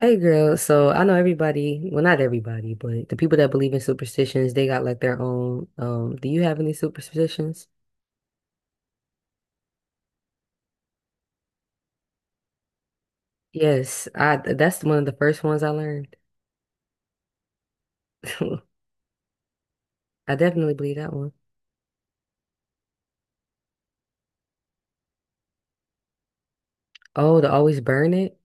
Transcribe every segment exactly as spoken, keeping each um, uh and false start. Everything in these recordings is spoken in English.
Hey girl, so I know everybody, well not everybody, but the people that believe in superstitions, they got like their own. Um, do you have any superstitions? Yes, I that's one of the first ones I learned. I definitely believe that one. Oh, to always burn it?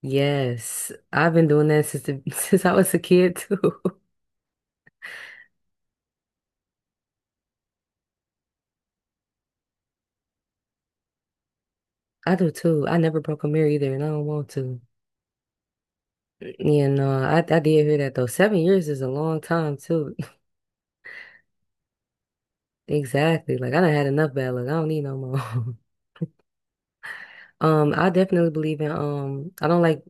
Yes. I've been doing that since the, since I was a kid too. I do too. I never broke a mirror either and I don't want to. You know, I, I did hear that though. Seven years is a long time too. Exactly. Like I done had enough bad luck. I don't need no more. Um, I definitely believe in um I don't like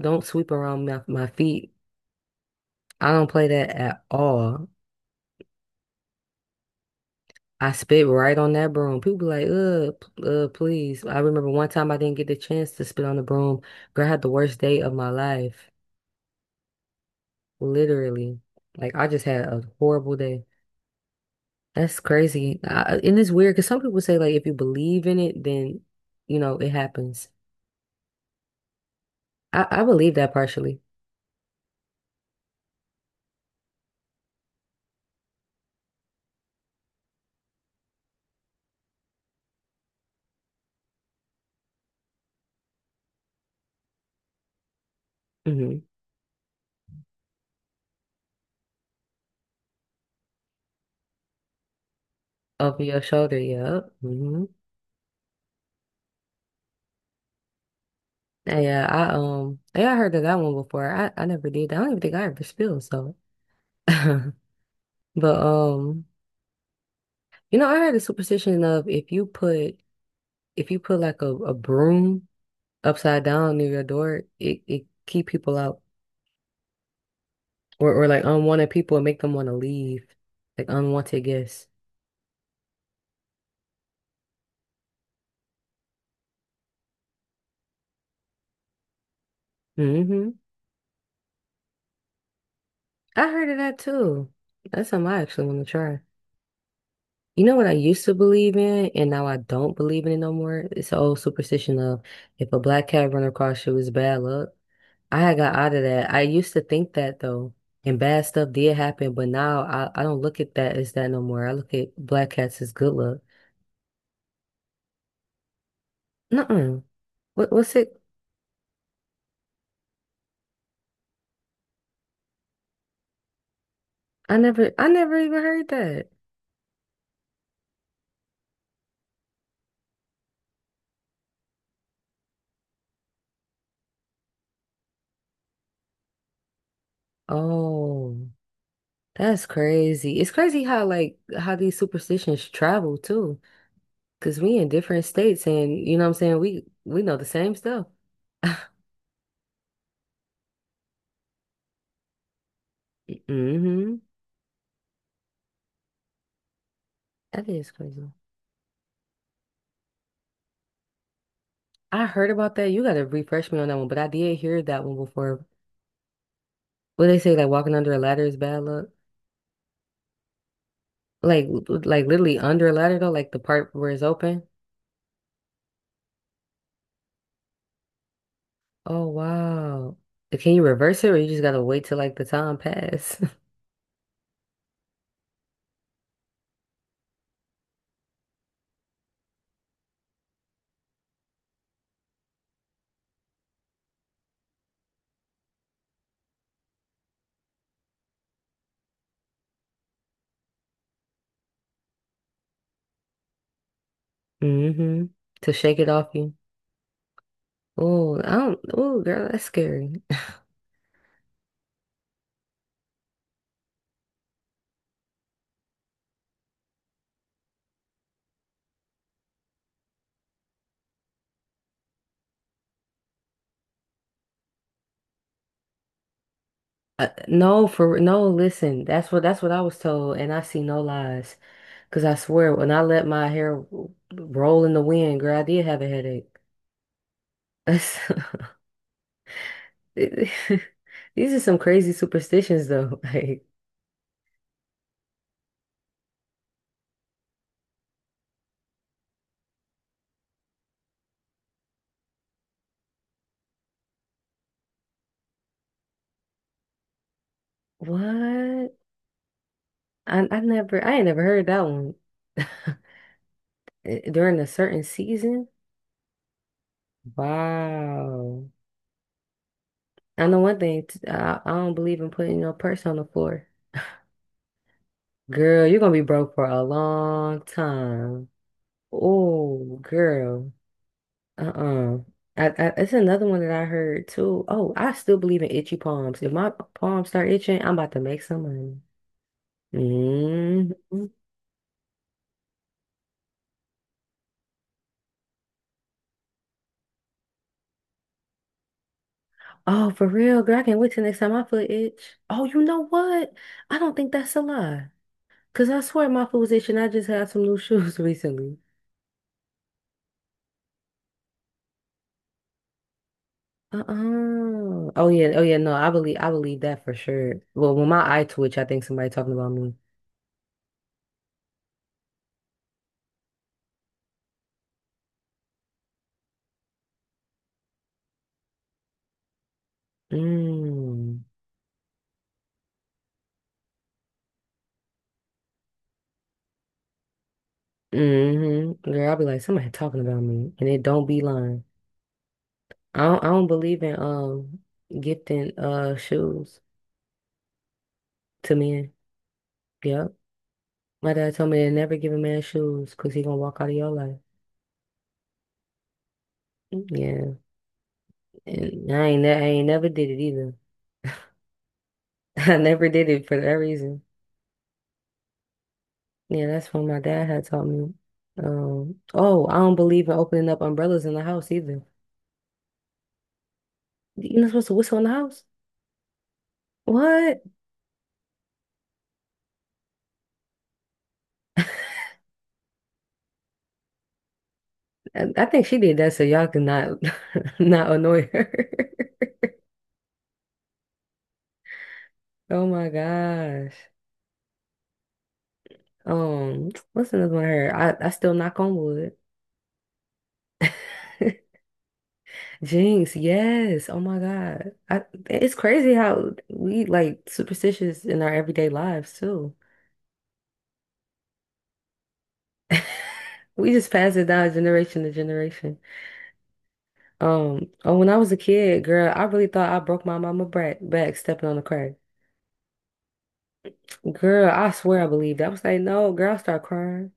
don't sweep around my, my feet. I don't play that at all. I spit right on that broom. People be like, uh, p- uh, please. I remember one time I didn't get the chance to spit on the broom. Girl, I had the worst day of my life. Literally. Like I just had a horrible day. That's crazy. I, and it's weird because some people say like if you believe in it, then you know it happens. I, I believe that partially. Mm-hmm. Over your shoulder, yeah. Yeah, yeah, I um yeah, I heard of that one before. I, I never did that. I don't even think I ever spilled, so but um you know, I heard the superstition of if you put if you put like a, a broom upside down near your door, it, it keep people out. Or or like unwanted people and make them want to leave. Like unwanted guests. Hmm. I heard of that too. That's something I actually want to try. You know what I used to believe in, and now I don't believe in it no more? It's the old superstition of if a black cat run across you, it's bad luck. I had got out of that. I used to think that though, and bad stuff did happen, but now I, I don't look at that as that no more. I look at black cats as good luck. Nuh-uh. What, what's it? I never, I never even heard that. Oh, that's crazy. It's crazy how like how these superstitions travel too, because we in different states, and you know what I'm saying? We we know the same stuff. Mm-hmm. That is crazy. I heard about that. You gotta refresh me on that one, but I did hear that one before. What they say, like walking under a ladder is bad luck. Like, like literally under a ladder though, like the part where it's open. Oh wow. Can you reverse it, or you just gotta wait till like the time pass? Mm-hmm. To shake it off you. Oh, I don't. Oh, girl, that's scary. Uh, no, for no. Listen, that's what that's what I was told, and I see no lies. Because I swear, when I let my hair w- roll in the wind, girl, I did have a headache. These are some crazy superstitions, though. Like, what? I, I never, I ain't never heard that one. Eh, during a certain season? Wow. I know one thing, t- I, I don't believe in putting your purse on the floor. Girl, you're gonna be broke for a long time. Oh, girl. Uh-uh. I, I, it's another one that I heard too. Oh, I still believe in itchy palms. If my palms start itching, I'm about to make some money. Hmm. Oh, for real, girl. I can't wait till next time my foot itch. Oh, you know what? I don't think that's a lie. Cause I swear my foot was itching. I just had some new shoes recently. Uh-uh. Oh yeah. Oh yeah. No, I believe I believe that for sure. Well, when my eye twitch, I think somebody talking about me. Mm. Mm-hmm. Girl, I'll be like, somebody talking about me. And it don't be lying. I don't, I don't believe in um gifting uh shoes to men. Yep. My dad told me to never give a man shoes because he gonna walk out of your life. Mm. Yeah. And I ain't ne I ain't never did it either. I never did it for that reason. Yeah, that's what my dad had taught me. Um, oh, I don't believe in opening up umbrellas in the house either. You're not supposed to whistle in the house. What? I, I think she did that so y'all could not not annoy her. Oh my gosh. Um, what's another one I heard? I, I still knock on wood. Jinx, yes. Oh my God. I, it's crazy how we like superstitious in our everyday lives too. We just pass it down generation to generation. Um, oh, when I was a kid, girl, I really thought I broke my mama back, back stepping on the crack. Girl, I swear I believed. It. I was like, no, girl, I start crying.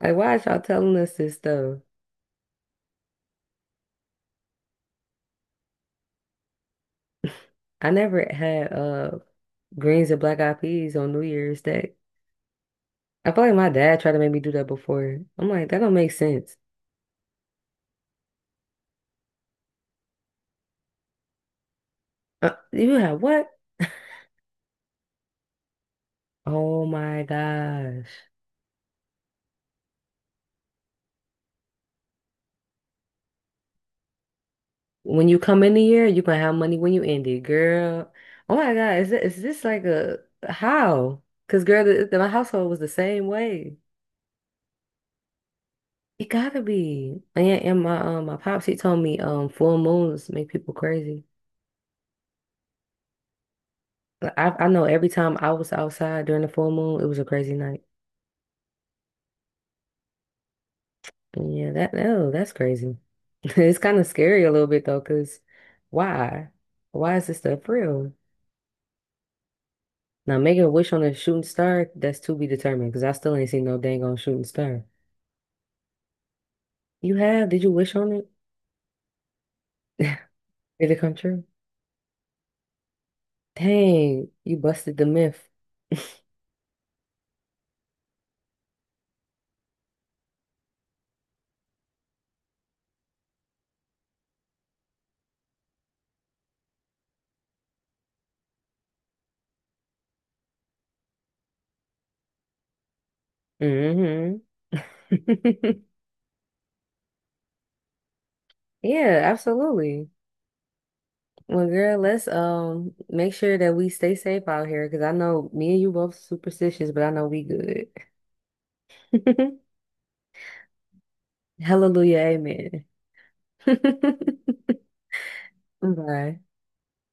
Like, why is y'all telling us this stuff? I never had uh greens and black eyed peas on New Year's Day. I feel like my dad tried to make me do that before. I'm like, that don't make sense. Uh, you have what? Oh my gosh. When you come in the year, you gonna have money when you end it, girl. Oh my God, is this, is this like a how? Because girl, the, the- my household was the same way. It gotta be. And, and my um my pops he told me um full moons make people crazy. Like, I I know every time I was outside during the full moon, it was a crazy night. Yeah, that no, that's crazy. It's kind of scary a little bit though, because why? Why is this stuff real? Now, making a wish on a shooting star, that's to be determined, because I still ain't seen no dang on shooting star. You have? Did you wish on it? Did it come true? Dang, you busted the myth. Mm-hmm. Yeah, absolutely. Well, girl, let's um make sure that we stay safe out here, because I know me and you both superstitious, but I know we good. Hallelujah. Amen. Bye.